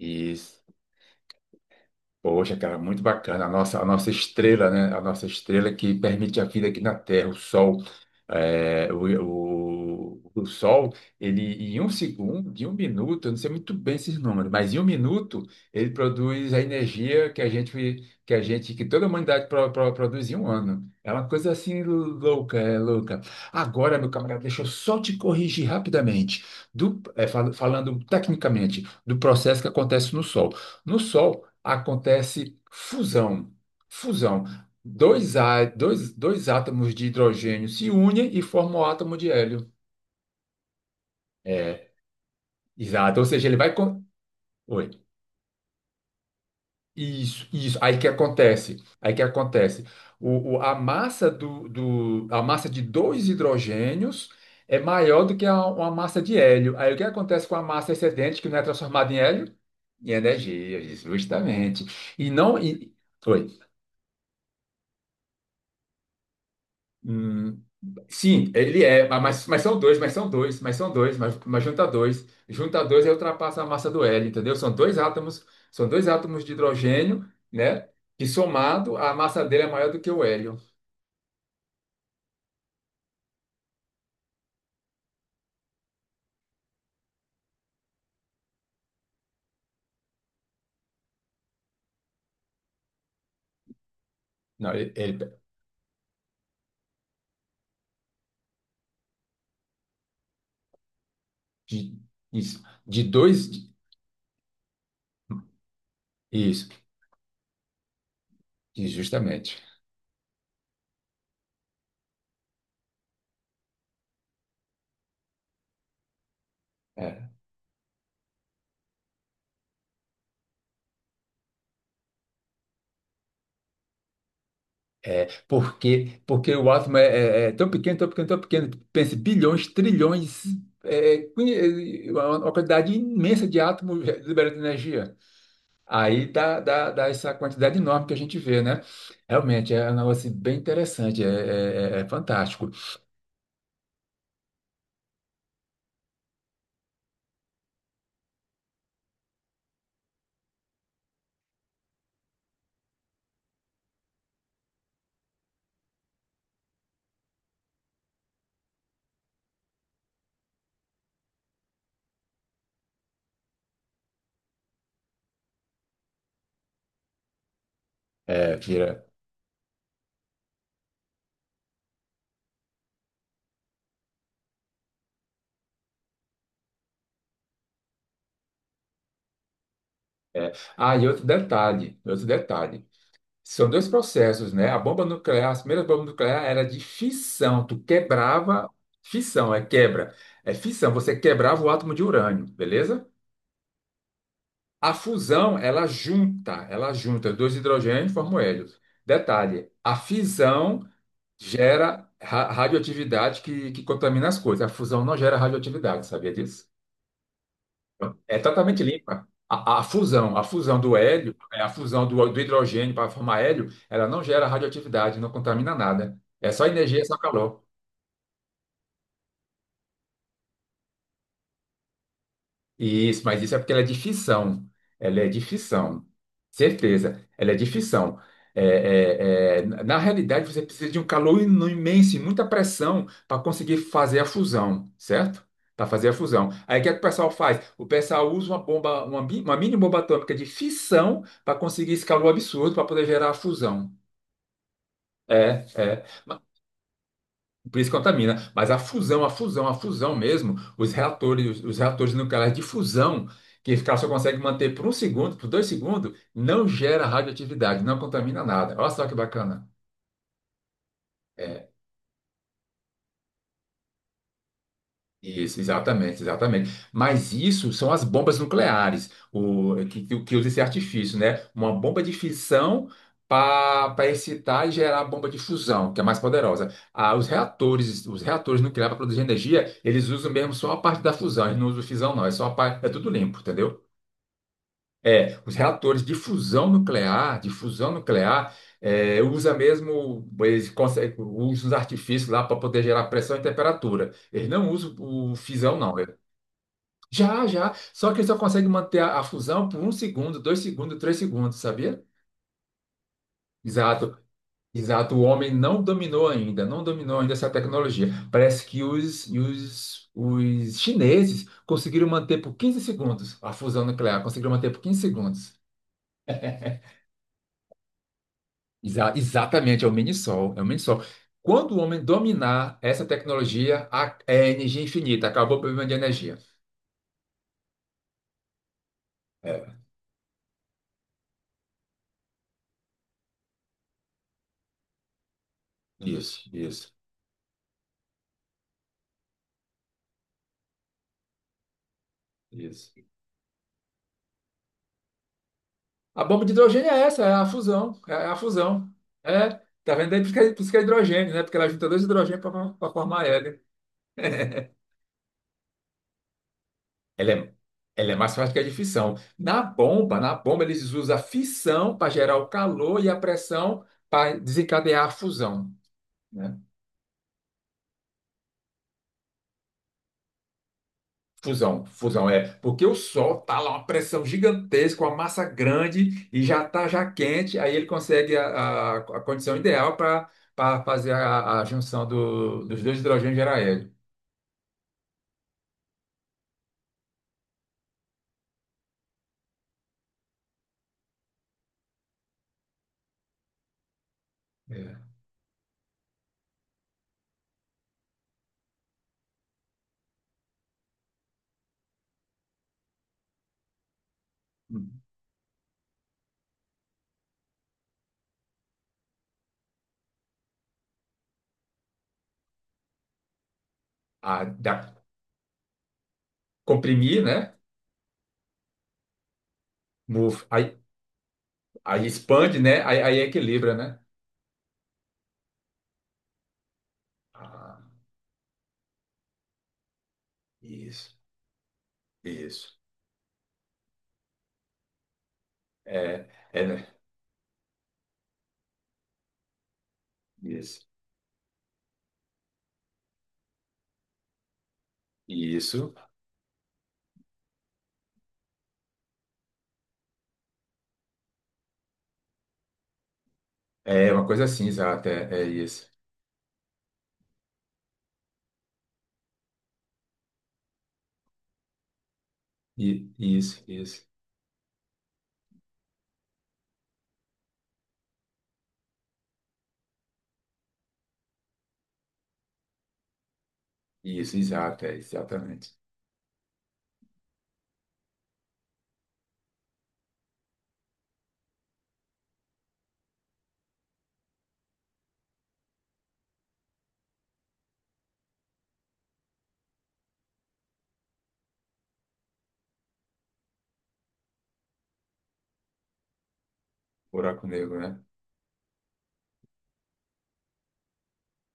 Isso. Poxa, cara, muito bacana. A nossa estrela, né? A nossa estrela que permite a vida aqui na Terra, o Sol. É, o Sol, ele em um segundo, em um minuto, eu não sei muito bem esses números, mas em um minuto ele produz a energia que a gente, que toda a humanidade produz em um ano. É uma coisa assim louca, é louca. Agora, meu camarada, deixa eu só te corrigir rapidamente falando tecnicamente do processo que acontece no Sol. No Sol acontece fusão. Fusão. Dois átomos de hidrogênio se unem e formam o átomo de hélio. É, exato. Ou seja, ele vai. Oi. Isso, isso. Aí que acontece. Aí que acontece. A massa a massa de dois hidrogênios é maior do que uma massa de hélio. Aí o que acontece com a massa excedente que não é transformada em hélio? Em energia, isso, justamente. E não. E, oi. Hum, sim, ele é, mas, mas são dois, mas junta dois. Junta dois aí ultrapassa a massa do hélio, entendeu? São dois átomos de hidrogênio, né? Que somado, a massa dele é maior do que o hélio. Não, ele. de, isso, de dois, isso, justamente. É, é, porque o átomo é, é tão pequeno, tão pequeno, tão pequeno, pense bilhões, trilhões, uma quantidade imensa de átomos, liberando energia. Aí dá essa quantidade enorme que a gente vê, né? Realmente é um negócio assim, bem interessante, é fantástico. É, vira, é. Ah, e outro detalhe, outro detalhe. São dois processos, né? A bomba nuclear, as primeiras bombas nucleares era de fissão. Tu quebrava, fissão é quebra, é fissão. Você quebrava o átomo de urânio, beleza? A fusão, ela junta dois hidrogênios e forma o hélio. Detalhe, a fisão gera radioatividade que contamina as coisas. A fusão não gera radioatividade, sabia disso? É totalmente limpa. A fusão, a fusão do hélio, a fusão do hidrogênio para formar hélio, ela não gera radioatividade, não contamina nada. É só energia, é só calor. Isso, mas isso é porque ela é de ficção. Ela é de ficção. Certeza, ela é de ficção. É, é, é, na realidade, você precisa de um calor imenso e muita pressão para conseguir fazer a fusão, certo? Para fazer a fusão. Aí o que é que o pessoal faz? O pessoal usa uma mini bomba atômica de fissão para conseguir esse calor absurdo para poder gerar a fusão. É, é. Por isso contamina. Mas a fusão mesmo, os reatores, reatores nucleares de fusão, que o cara só consegue manter por um segundo, por 2 segundos, não gera radioatividade, não contamina nada. Olha só que bacana. É. Isso, exatamente, exatamente. Mas isso são as bombas nucleares, o, que, que usa esse artifício, né? Uma bomba de fissão para excitar e gerar a bomba de fusão, que é mais poderosa. Ah, os reatores nucleares para produzir energia, eles usam mesmo só a parte da fusão, eles não usam fissão, não, é só a parte, é tudo limpo, entendeu? É, os reatores de fusão nuclear, usa mesmo, eles conseguem, usam os artifícios lá para poder gerar pressão e temperatura. Eles não usam o fissão, não. Já, já. Só que ele só consegue manter a fusão por um segundo, 2 segundos, 3 segundos, sabia? Exato. Exato. O homem não dominou ainda, não dominou ainda essa tecnologia. Parece que os chineses conseguiram manter por 15 segundos a fusão nuclear, conseguiram manter por 15 segundos. Exatamente, é o mini-sol, é o mini-sol. Quando o homem dominar essa tecnologia, é energia infinita, acabou o problema de energia. É, isso, isso, isso. A bomba de hidrogênio é essa, é a fusão. É a fusão. É, tá vendo aí? Por isso que é, por isso que é hidrogênio, né? Porque ela junta dois hidrogênios para formar hélio. Ela é, ela é mais fácil que a de fissão. Na bomba, eles usam a fissão para gerar o calor e a pressão para desencadear a fusão. Né? Fusão, fusão é porque o Sol tá lá uma pressão gigantesca, uma massa grande e já tá já quente, aí ele consegue a condição ideal para fazer a junção dos dois hidrogênios e gerar hélio. É. A, da, Comprimir, né? Move. Aí expande, né? Aí equilibra, né? Ah, isso, isso. É, é, né? Isso, isso. É uma coisa assim, exato. É isso. Isso, isso, isso, exato. É exatamente. Buraco negro, né?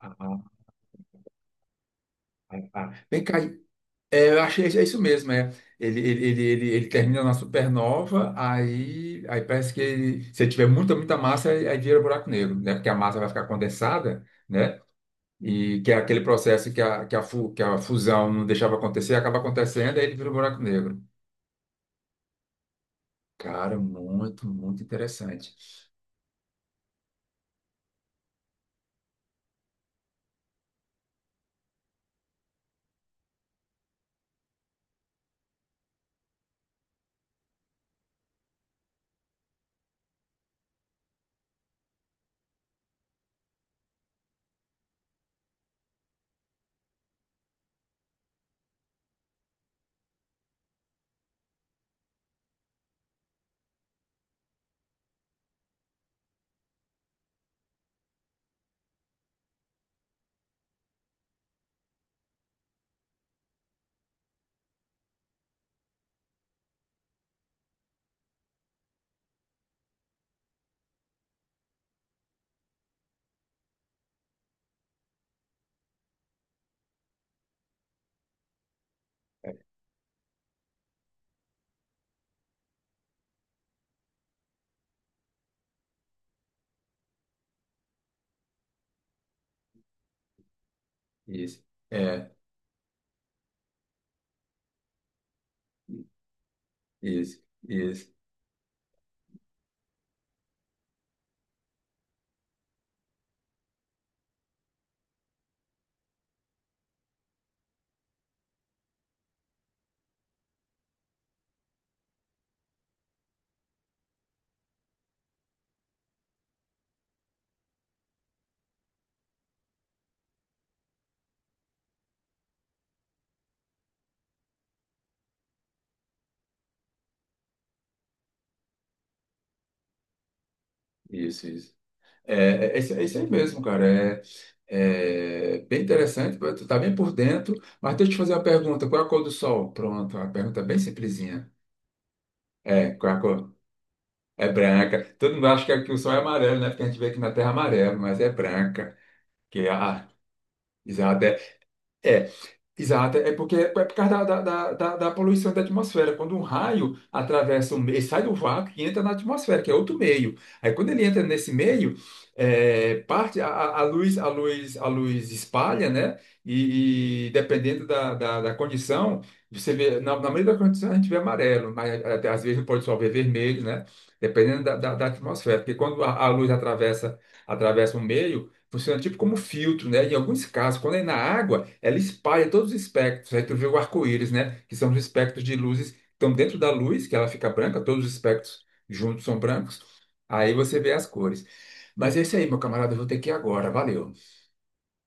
Ah, ah, ah, ah. Vem cá, é, eu achei é isso mesmo, é. Ele termina na supernova, aí parece que se ele tiver muita, muita massa, aí vira buraco negro, né? Porque a massa vai ficar condensada, né? E que é aquele processo que a fusão não deixava acontecer, acaba acontecendo, aí ele vira um buraco negro. Cara, muito, muito interessante. Isso, é, isso, isso, isso, isso. É, é, é isso é isso aí mesmo, cara. É bem interessante, tu tá bem por dentro. Mas deixa eu te fazer uma pergunta: qual é a cor do Sol? Pronto, a pergunta é bem simplesinha. É, qual é a cor? É branca. Todo mundo acha que aqui o Sol é amarelo, né? Porque a gente vê aqui na Terra amarelo, mas é branca. Que é a, Exato, é, é. Exato, é porque é por causa da poluição da atmosfera. Quando um raio atravessa sai do vácuo e entra na atmosfera, que é outro meio. Aí quando ele entra nesse meio, parte a luz espalha, né? E dependendo da condição, você vê, na maioria das condições a gente vê amarelo, mas até às vezes pode só ver vermelho, né? Dependendo da atmosfera. Porque quando a luz atravessa, atravessa um meio, funciona tipo como filtro, né? Em alguns casos, quando é na água, ela espalha todos os espectros. Aí tu vê o arco-íris, né? Que são os espectros de luzes que estão dentro da luz, que ela fica branca, todos os espectros juntos são brancos. Aí você vê as cores. Mas é isso aí, meu camarada, eu vou ter que ir agora. Valeu.